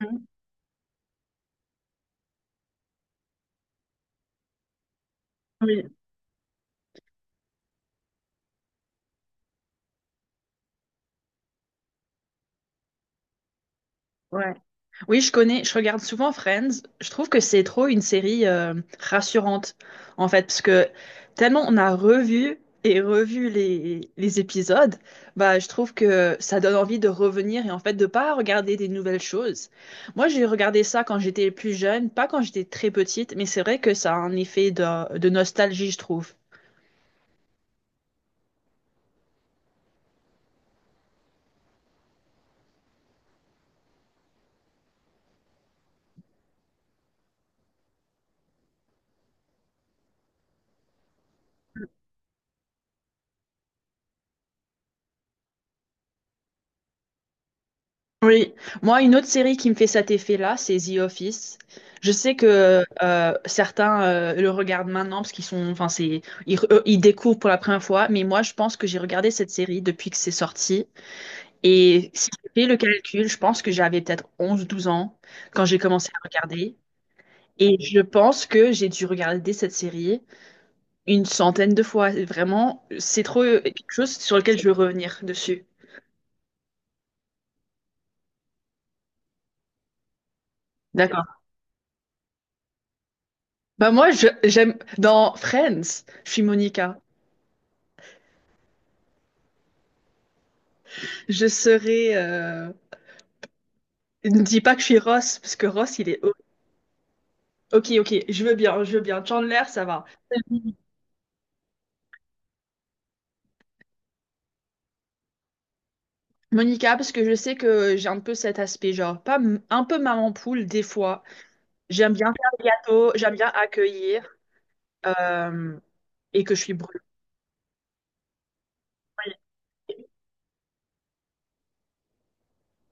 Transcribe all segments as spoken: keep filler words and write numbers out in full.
Mhm. Oui, ouais. Oui, je connais, je regarde souvent Friends. Je trouve que c'est trop une série euh, rassurante, en fait, parce que tellement on a revu et revu les, les épisodes, bah, je trouve que ça donne envie de revenir et en fait de pas regarder des nouvelles choses. Moi, j'ai regardé ça quand j'étais plus jeune, pas quand j'étais très petite, mais c'est vrai que ça a un effet de, de nostalgie, je trouve. Oui, moi, une autre série qui me fait cet effet-là, c'est The Office. Je sais que euh, certains euh, le regardent maintenant parce qu'ils sont, enfin, c'est, ils, re- euh, ils découvrent pour la première fois, mais moi, je pense que j'ai regardé cette série depuis que c'est sorti. Et si je fais le calcul, je pense que j'avais peut-être onze, douze ans quand j'ai commencé à regarder. Et je pense que j'ai dû regarder cette série une centaine de fois. Vraiment, c'est trop euh, quelque chose sur lequel je veux revenir dessus. D'accord. Bah moi, je- j'aime dans Friends, je suis Monica. Je serai. euh, Ne dis pas que je suis Ross, parce que Ross, il est horrible. Ok, ok, je veux bien, je veux bien. Chandler, ça va. Monica, parce que je sais que j'ai un peu cet aspect, genre, pas m- un peu maman poule, des fois. J'aime bien faire le gâteau, j'aime bien accueillir, euh, et que je suis brûlée.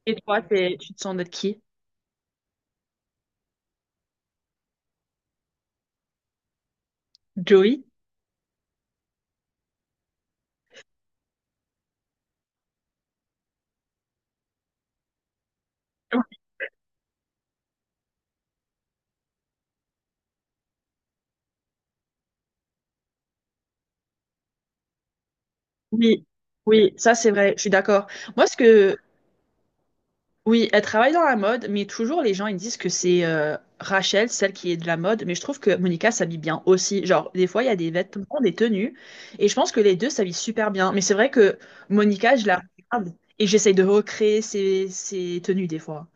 Et toi, t'es- tu te sens d'être qui? Joey? Oui, oui, ça c'est vrai, je suis d'accord. Moi, ce que oui, elle travaille dans la mode, mais toujours les gens ils disent que c'est euh, Rachel, celle qui est de la mode, mais je trouve que Monica s'habille bien aussi. Genre, des fois, il y a des vêtements, des tenues, et je pense que les deux s'habillent super bien. Mais c'est vrai que Monica, je la regarde et j'essaye de recréer ses, ses tenues des fois.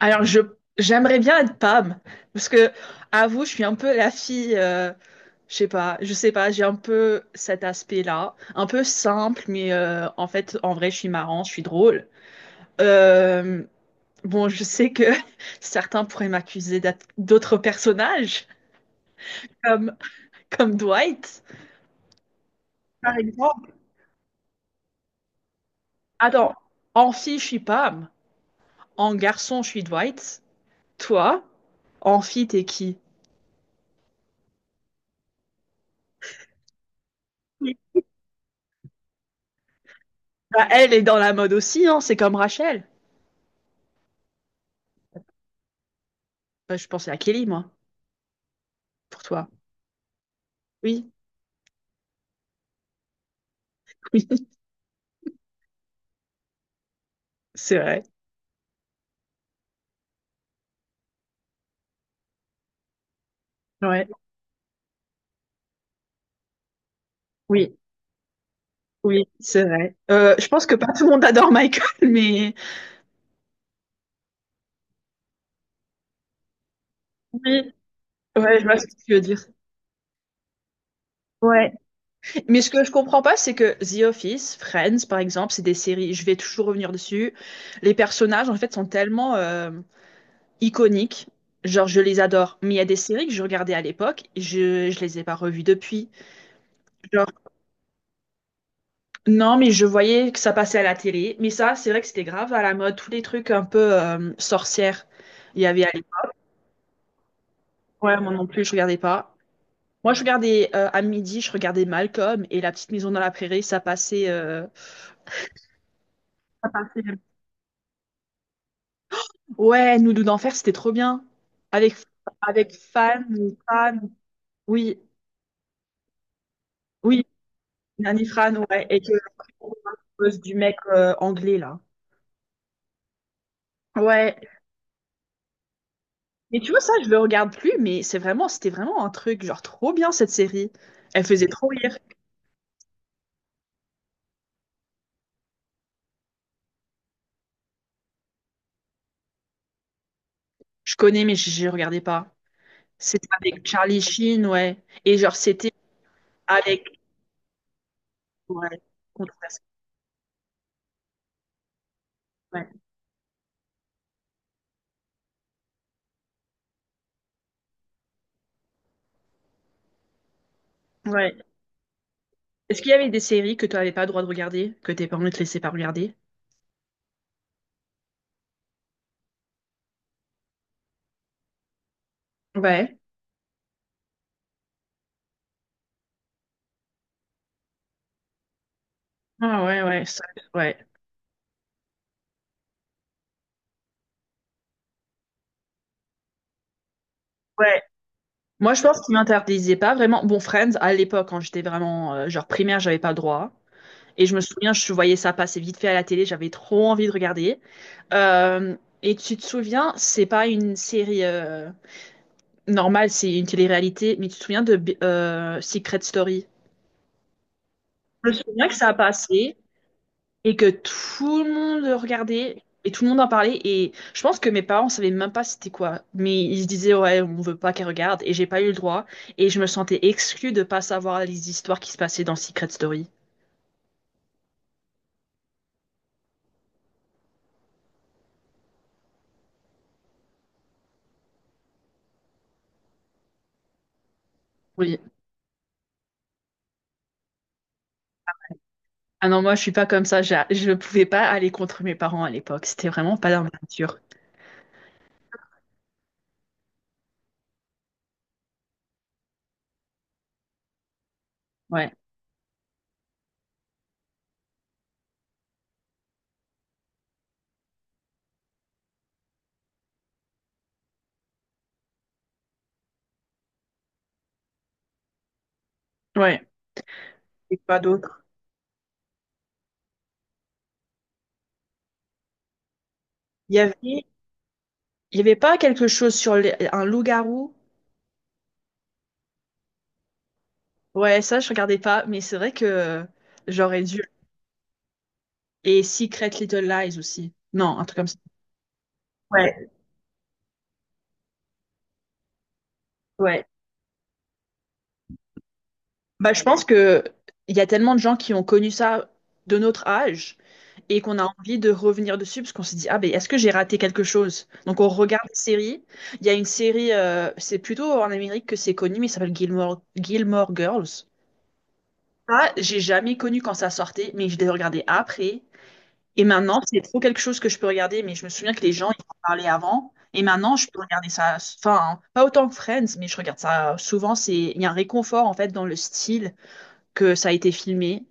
Alors, je j'aimerais bien être Pam, parce que, avoue, je suis un peu la fille, euh, je sais pas, je sais pas, j'ai un peu cet aspect-là, un peu simple, mais euh, en fait, en vrai, je suis marrante, je suis drôle. Euh, Bon, je sais que certains pourraient m'accuser d'être d'autres personnages, comme, comme Dwight. Par exemple, attends, en fille, je suis Pam. En garçon, je suis Dwight. Toi, en fille, t'es qui? Oui. Bah, elle est dans la mode aussi, hein, c'est comme Rachel. Bah, je pensais à Kelly, moi, pour toi. Oui, oui, c'est vrai. Ouais, oui, oui, c'est vrai. Euh, je pense que pas tout le monde adore Michael, mais... Oui. Ouais, je vois ce que tu veux dire. Ouais. Mais ce que je comprends pas, c'est que The Office, Friends, par exemple, c'est des séries, je vais toujours revenir dessus. Les personnages, en fait, sont tellement euh, iconiques. Genre, je les adore. Mais il y a des séries que je regardais à l'époque, je, je les ai pas revues depuis. Genre, non, mais je voyais que ça passait à la télé. Mais ça, c'est vrai que c'était grave à la mode. Tous les trucs un peu euh, sorcières, il y avait à l'époque. Ouais, moi non plus, je regardais pas. Moi, je regardais euh, à midi, je regardais Malcolm et La Petite Maison dans la Prairie, ça passait. Euh, ouais, Nous deux d'enfer, c'était trop bien. Avec, avec Fan, ou Fran, oui, oui, Nani Fran, ouais, et que cause du mec euh, anglais là. Ouais. Mais tu vois, ça, je le regarde plus, mais c'est vraiment, c'était vraiment un truc, genre trop bien cette série. Elle faisait trop rire. Je connais, mais je ne regardais pas. C'était avec Charlie Sheen, ouais. Et genre, c'était avec. Ouais, controversé. Ouais. Ouais. Est-ce qu'il y avait des séries que tu n'avais pas le droit de regarder, que tes parents ne te laissaient pas regarder? Ouais. Ah ouais, ouais, ça- ouais. Ouais. Moi, je pense qu'ils m'interdisaient pas vraiment. Bon, Friends, à l'époque, quand j'étais vraiment euh, genre primaire, j'avais pas le droit. Et je me souviens, je voyais ça passer vite fait à la télé, j'avais trop envie de regarder. Euh, et tu te souviens, c'est pas une série euh, normale, c'est une télé-réalité, mais tu te souviens de B- euh, Secret Story? Je me souviens que ça a passé, et que tout le monde le regardait et tout le monde en parlait et je pense que mes parents savaient même pas c'était quoi mais ils se disaient ouais on veut pas qu'elle regarde et j'ai pas eu le droit et je me sentais exclue de pas savoir les histoires qui se passaient dans Secret Story. Oui. Ah non moi je suis pas comme ça j'ai- je ne pouvais pas aller contre mes parents à l'époque c'était vraiment pas dans ma nature. Ouais. Ouais. Et pas d'autres. Il y avait il y avait pas quelque chose sur les- un loup-garou. Ouais ça je regardais pas mais c'est vrai que j'aurais dû et Secret Little Lies aussi. Non un truc comme ça. Ouais, ouais. Bah, je pense que il y a tellement de gens qui ont connu ça de notre âge et qu'on a envie de revenir dessus parce qu'on se dit, ah, ben, est-ce que j'ai raté quelque chose? Donc, on regarde des séries. Il y a une série, euh, c'est plutôt en Amérique que c'est connu, mais ça s'appelle Gilmore, Gilmore Girls. Ça, j'ai jamais connu quand ça sortait, mais je l'ai regardé après. Et maintenant, c'est trop quelque chose que je peux regarder, mais je me souviens que les gens, ils en parlaient avant. Et maintenant, je peux regarder ça, enfin, pas autant que Friends, mais je regarde ça souvent. C'est, il y a un réconfort, en fait, dans le style que ça a été filmé.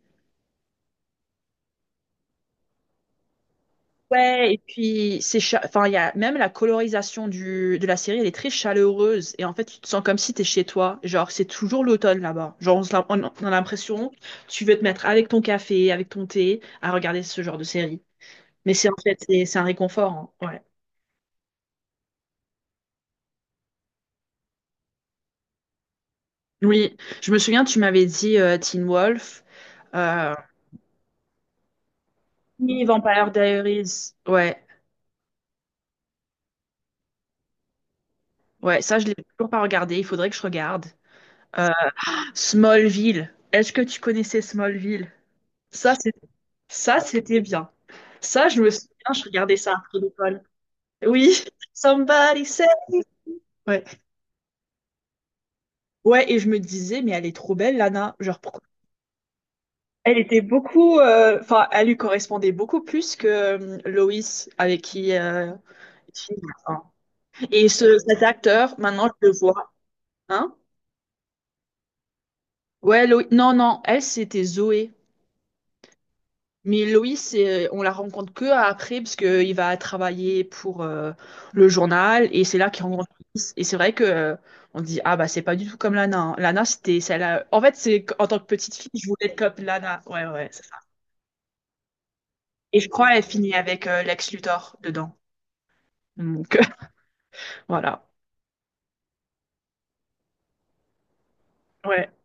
Ouais, et puis c'est cha- enfin il y a même la colorisation du de la série, elle est très chaleureuse et en fait tu te sens comme si t'es chez toi, genre c'est toujours l'automne là-bas. Genre on, se l'a- on a on a l'impression tu veux te mettre avec ton café, avec ton thé à regarder ce genre de série. Mais c'est en fait c'est c'est un réconfort, hein. Ouais. Oui, je me souviens tu m'avais dit euh, Teen Wolf, euh, oui, Vampire Diaries. Ouais, ouais, ça je l'ai toujours pas regardé, il faudrait que je regarde. Euh, Smallville. Est-ce que tu connaissais Smallville? Ça, c'est- ça, c'était bien. Ça, je me souviens, je regardais ça après l'école. Oui, somebody said. Ouais. Ouais, et je me disais, mais elle est trop belle, Lana. Genre, pourquoi? Elle était beaucoup, euh, enfin, elle lui correspondait beaucoup plus que euh, Loïs, avec qui euh, il filme, hein. Et ce, cet acteur, maintenant, je le vois. Hein? Ouais, Loïs. Non, non, elle, c'était Zoé. Mais Loïs, c'est- euh, on la rencontre que après, parce qu'il va travailler pour euh, le journal, et c'est là qu'il rencontre Loïs. Et c'est vrai que euh, on dit, ah bah c'est pas du tout comme Lana, hein. Lana, c'était celle euh, en fait, c'est qu- en tant que petite fille, je voulais être comme Lana. Ouais, ouais, c'est ça. Et je crois qu'elle finit avec euh, Lex Luthor dedans. Donc, voilà. Ouais.